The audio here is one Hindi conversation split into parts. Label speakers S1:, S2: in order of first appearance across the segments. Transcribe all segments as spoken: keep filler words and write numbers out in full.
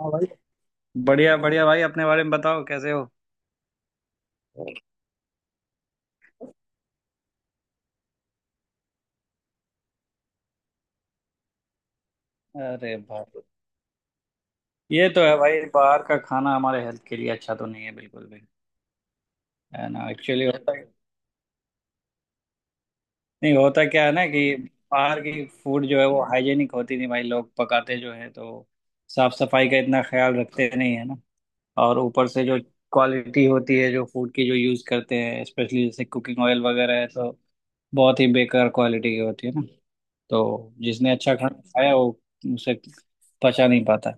S1: हाँ भाई, बढ़िया बढ़िया भाई। अपने बारे में बताओ, कैसे हो? अरे भाई, ये तो है भाई। बाहर का खाना हमारे हेल्थ के लिए अच्छा तो नहीं है बिल्कुल भी। है ना, एक्चुअली होता नहीं होता क्या है ना कि बाहर की फूड जो है वो हाइजेनिक होती नहीं। भाई लोग पकाते जो है तो साफ सफाई का इतना ख्याल रखते नहीं है ना। और ऊपर से जो क्वालिटी होती है जो फूड की जो यूज़ करते हैं, स्पेशली जैसे कुकिंग ऑयल वगैरह है, तो बहुत ही बेकार क्वालिटी की होती है ना। तो जिसने अच्छा खाना खाया वो उसे पचा नहीं पाता।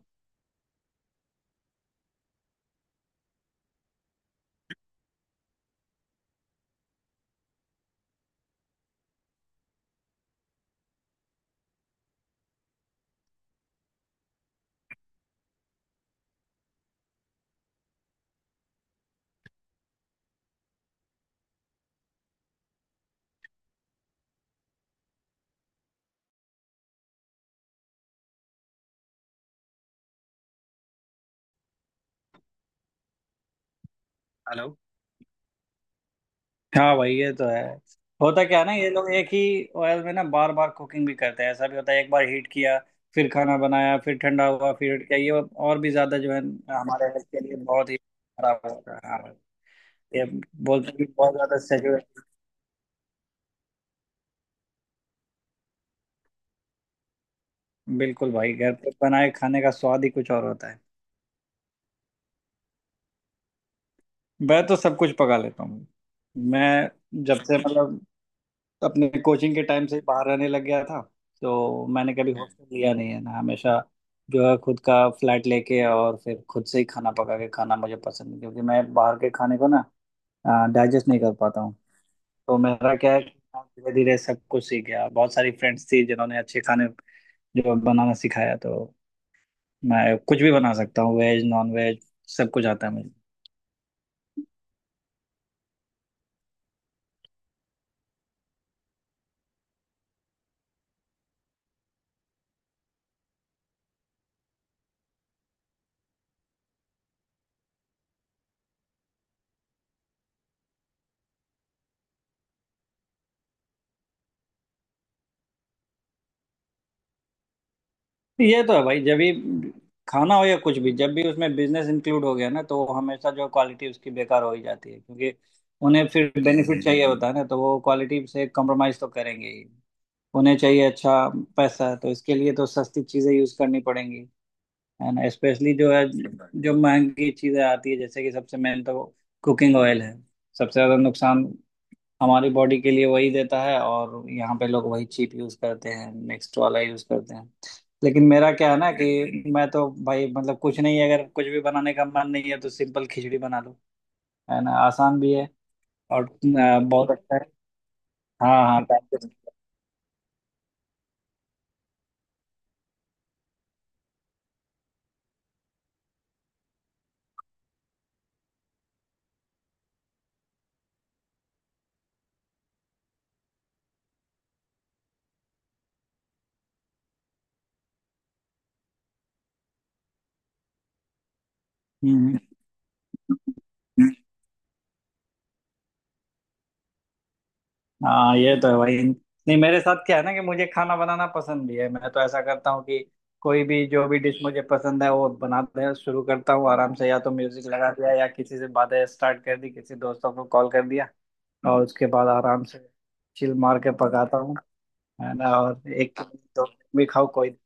S1: हेलो। हाँ भाई, ये तो है। होता क्या है ना, ये लोग एक ही ऑयल में ना बार बार कुकिंग भी करते हैं। ऐसा भी होता है, एक बार हीट किया, फिर खाना बनाया, फिर ठंडा हुआ, फिर heat किया। ये और भी ज्यादा जो है हमारे हेल्थ के लिए बहुत ही खराब होता है। हाँ, ये बोलते हैं कि बहुत ज्यादा सैचुरेटेड। बिल्कुल भाई, घर पे बनाए खाने का स्वाद ही कुछ और होता है। मैं तो सब कुछ पका लेता हूँ। मैं जब से मतलब अपने कोचिंग के टाइम से ही बाहर रहने लग गया था, तो मैंने कभी हम्म। हॉस्टल लिया नहीं है ना, हमेशा जो है खुद का फ्लैट लेके और फिर खुद से ही खाना पका के खाना मुझे पसंद है, क्योंकि मैं बाहर के खाने को ना डाइजेस्ट नहीं कर पाता हूँ। तो मेरा क्या है, धीरे धीरे सब कुछ सीख गया। बहुत सारी फ्रेंड्स थी जिन्होंने अच्छे खाने जो बनाना सिखाया, तो मैं कुछ भी बना सकता हूँ। वेज नॉन वेज सब कुछ आता है मुझे। ये तो है भाई, जब भी खाना हो या कुछ भी, जब भी उसमें बिजनेस इंक्लूड हो गया ना, तो वो हमेशा जो क्वालिटी उसकी बेकार हो ही जाती है। क्योंकि उन्हें फिर बेनिफिट चाहिए होता है ना, तो वो क्वालिटी से कॉम्प्रोमाइज तो करेंगे ही। उन्हें चाहिए अच्छा पैसा, तो इसके लिए तो सस्ती चीजें यूज करनी पड़ेंगी। है ना, स्पेशली जो है जो महंगी चीजें आती है, जैसे कि सबसे मेन तो कुकिंग ऑयल है। सबसे ज्यादा नुकसान हमारी बॉडी के लिए वही देता है, और यहाँ पे लोग वही चीप यूज करते हैं, नेक्स्ट वाला यूज करते हैं। लेकिन मेरा क्या है ना कि मैं तो भाई मतलब कुछ नहीं है, अगर कुछ भी बनाने का मन नहीं है तो सिंपल खिचड़ी बना लो। है ना, आसान भी है और अ, बहुत अच्छा है। हाँ हाँ। हम्म हम्म। हाँ, ये तो है भाई। नहीं, मेरे साथ क्या है ना कि मुझे खाना बनाना पसंद भी है। मैं तो ऐसा करता हूँ कि कोई भी जो भी डिश मुझे पसंद है वो बनाते शुरू करता हूँ। आराम से या तो म्यूजिक लगा दिया या किसी से बातें स्टार्ट कर दी, किसी दोस्तों को कॉल कर दिया, और उसके बाद आराम से चिल मार के पकाता हूँ। है ना, और एक दो भी खाओ कोई।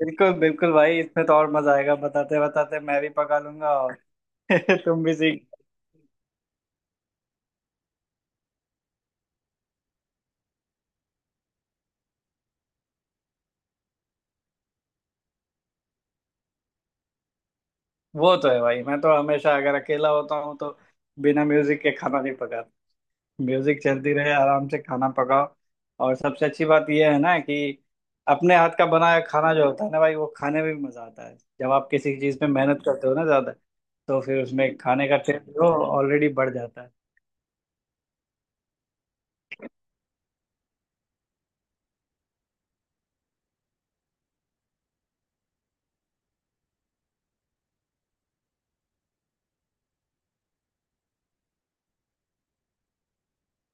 S1: बिल्कुल बिल्कुल भाई, इसमें तो और मजा आएगा। बताते बताते मैं भी पका लूंगा और तुम भी सीख। वो तो है भाई, मैं तो हमेशा अगर अकेला होता हूँ तो बिना म्यूजिक के खाना नहीं पकाता। म्यूजिक चलती रहे, आराम से खाना पकाओ। और सबसे अच्छी बात यह है ना कि अपने हाथ का बनाया खाना जो होता है ना भाई, वो खाने में भी मजा आता है। जब आप किसी चीज में मेहनत करते हो ना ज्यादा, तो फिर उसमें खाने का टेस्ट जो ऑलरेडी बढ़ जाता है।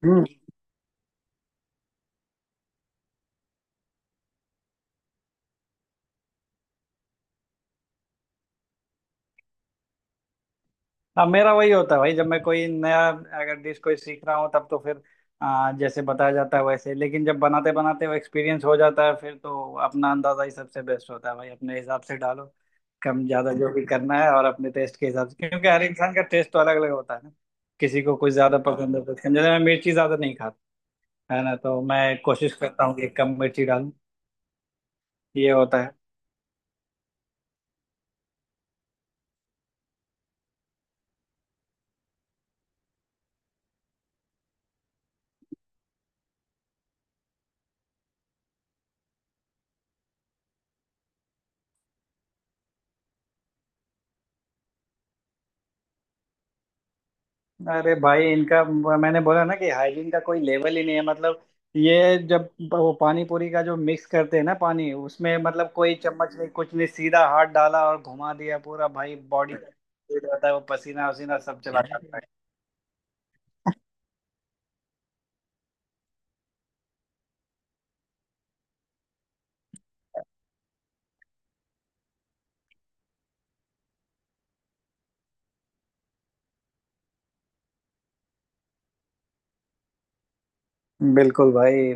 S1: हम्म। हाँ, मेरा वही होता है भाई। जब मैं कोई नया अगर डिश कोई सीख रहा हूँ तब तो फिर आ, जैसे बताया जाता है वैसे, लेकिन जब बनाते बनाते वो एक्सपीरियंस हो जाता है, फिर तो अपना अंदाजा ही सबसे बेस्ट होता है भाई। अपने हिसाब से डालो, कम ज्यादा जो भी करना है, और अपने टेस्ट के हिसाब से, क्योंकि हर इंसान का टेस्ट तो अलग अलग होता है ना। किसी को कुछ ज्यादा पसंद है कुछ कम। जैसे मैं मिर्ची ज्यादा नहीं खाता, है ना, तो मैं कोशिश करता हूँ कि कम मिर्ची डालूं। ये होता है। अरे भाई, इनका मैंने बोला ना कि हाइजीन का कोई लेवल ही नहीं है मतलब। ये जब वो पानी पूरी का जो मिक्स करते हैं ना पानी, उसमें मतलब कोई चम्मच नहीं, कुछ नहीं, सीधा हाथ डाला और घुमा दिया पूरा। भाई बॉडी जाता है, वो पसीना वसीना सब चला जाता है। बिल्कुल भाई,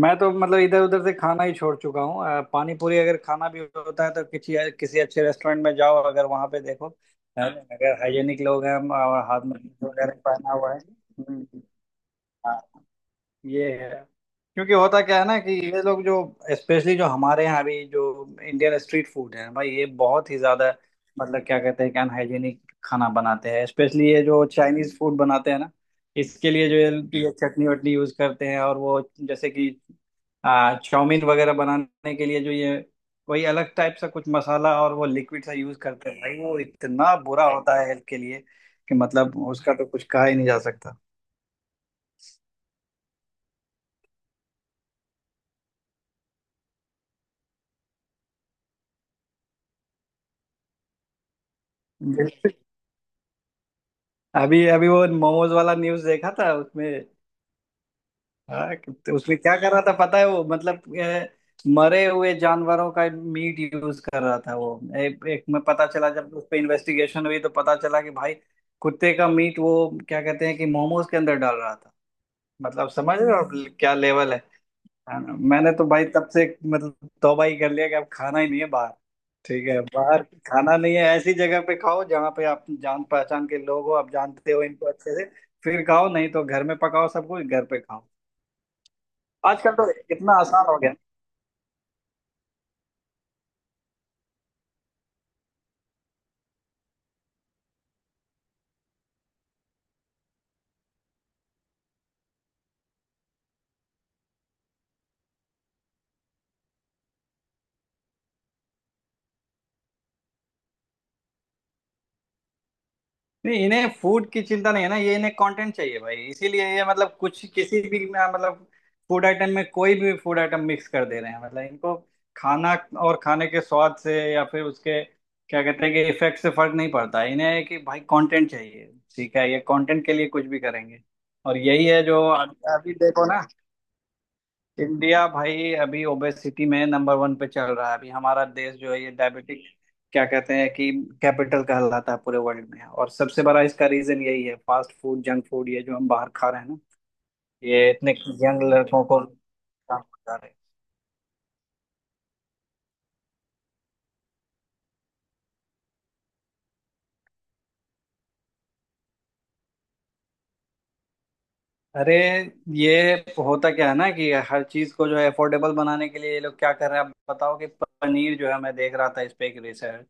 S1: मैं तो मतलब इधर उधर से खाना ही छोड़ चुका हूँ। अ, पानी पूरी अगर खाना भी होता है तो किसी किसी अच्छे रेस्टोरेंट में जाओ, अगर वहां पे देखो है ना, अगर हाइजेनिक लोग हैं और हाथ में वगैरह पहना हुआ है। हम्म, हाँ। ये है। क्योंकि होता क्या है ना कि ये लोग जो स्पेशली जो हमारे यहाँ अभी जो इंडियन स्ट्रीट फूड है भाई, ये बहुत ही ज्यादा मतलब क्या कहते हैं कि अनहाइजीनिक खाना बनाते हैं। स्पेशली ये जो चाइनीज फूड बनाते हैं ना, इसके लिए जो ये ये चटनी वटनी यूज करते हैं, और वो जैसे कि आ, चाउमीन वगैरह बनाने के लिए जो ये कोई अलग टाइप सा कुछ मसाला और वो लिक्विड सा यूज करते हैं भाई, वो इतना बुरा होता है हेल्थ के लिए कि मतलब उसका तो कुछ कहा ही नहीं जा सकता। अभी अभी वो मोमोज वाला न्यूज देखा था उसमें। हाँ कि- तो उसमें क्या कर रहा था पता है, वो मतलब ए, मरे हुए जानवरों का मीट यूज कर रहा था। वो एक, एक में पता चला, जब उस पे इन्वेस्टिगेशन हुई तो पता चला कि भाई कुत्ते का मीट वो क्या कहते हैं कि मोमोज के अंदर डाल रहा था। मतलब समझ रहे हो आप, क्या लेवल है। हाँ, मैंने तो भाई तब से मतलब तौबा ही कर लिया कि अब खाना ही नहीं है बाहर। ठीक है, बाहर खाना नहीं है। ऐसी जगह पे खाओ जहाँ पे आप जान पहचान के लोग हो, आप जानते हो इनको अच्छे से, फिर खाओ। नहीं तो घर में पकाओ, सब कुछ घर पे खाओ। आजकल तो इतना आसान हो गया। नहीं, इन्हें फूड की चिंता नहीं है ना, ये इन्हें कंटेंट चाहिए भाई। इसीलिए ये मतलब कुछ किसी भी मतलब फूड आइटम में कोई भी फूड आइटम मिक्स कर दे रहे हैं। मतलब इनको खाना और खाने के स्वाद से या फिर उसके क्या कहते हैं कि इफेक्ट से फर्क नहीं पड़ता है इन्हें। है कि भाई कंटेंट चाहिए, ठीक है, ये कंटेंट के लिए कुछ भी करेंगे। और यही है जो अभी देखो ना, इंडिया भाई अभी ओबेसिटी में नंबर वन पे चल रहा है। अभी हमारा देश जो है ये डायबिटिक क्या कहते हैं कि कैपिटल कहलाता है पूरे वर्ल्ड में। और सबसे बड़ा इसका रीजन यही है फास्ट फूड जंक फूड, ये जो हम बाहर खा रहे हैं ना, ये इतने यंग लड़कों को। अरे ये होता क्या है ना कि हर चीज को जो है अफोर्डेबल बनाने के लिए ये लोग क्या कर रहे हैं? आप बताओ कि पनीर जो है, मैं देख रहा था इस पे एक रिसर्च,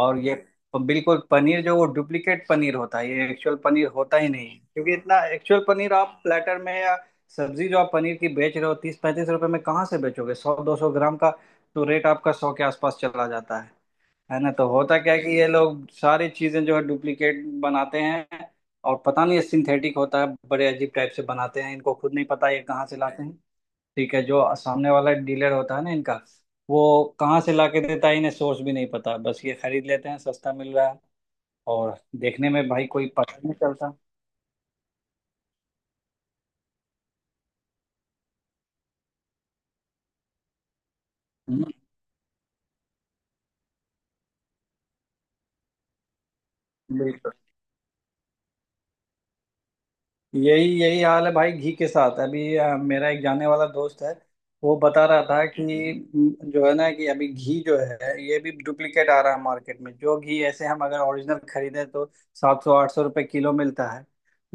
S1: और ये बिल्कुल पनीर जो वो डुप्लीकेट पनीर होता है, ये एक्चुअल पनीर होता ही नहीं है। क्योंकि इतना एक्चुअल पनीर आप प्लेटर में या सब्जी जो आप पनीर की बेच रहे हो तीस पैंतीस रुपए में, कहाँ से बेचोगे सौ दो सौ ग्राम का? तो रेट आपका सौ के आसपास चला जाता है। है ना, तो होता क्या है कि ये लोग सारी चीजें जो है डुप्लीकेट बनाते हैं, और पता नहीं ये सिंथेटिक होता है, बड़े अजीब टाइप से बनाते हैं, इनको खुद नहीं पता ये कहाँ से लाते हैं। ठीक है, जो सामने वाला डीलर होता है ना इनका, वो कहाँ से ला के देता है इन्हें सोर्स भी नहीं पता, बस ये खरीद लेते हैं सस्ता मिल रहा है, और देखने में भाई कोई पता नहीं चलता। हम्म, बिल्कुल। यही यही हाल है भाई घी के साथ। अभी अ, मेरा एक जाने वाला दोस्त है, वो बता रहा था कि म, जो है ना कि अभी घी जो है ये भी डुप्लीकेट आ रहा है मार्केट में। जो घी ऐसे हम अगर ओरिजिनल खरीदें तो सात सौ आठ सौ रुपये किलो मिलता है,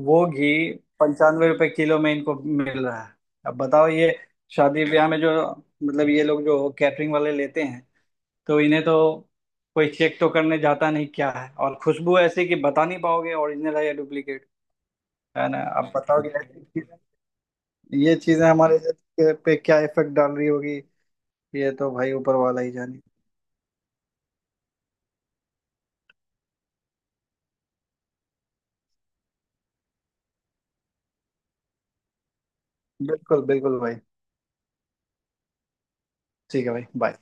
S1: वो घी पंचानवे रुपये किलो में इनको मिल रहा है। अब बताओ, ये शादी ब्याह में जो मतलब ये लोग जो कैटरिंग वाले लेते हैं, तो इन्हें तो कोई चेक तो करने जाता नहीं क्या है, और खुशबू ऐसी कि बता नहीं पाओगे ओरिजिनल है या। है ना, अब बताओ कि ऐसी चीजें- ये चीजें हमारे हेल्थ के- पे क्या इफेक्ट डाल रही होगी। ये तो भाई ऊपर वाला ही जाने। बिल्कुल बिल्कुल भाई, ठीक है भाई बाय।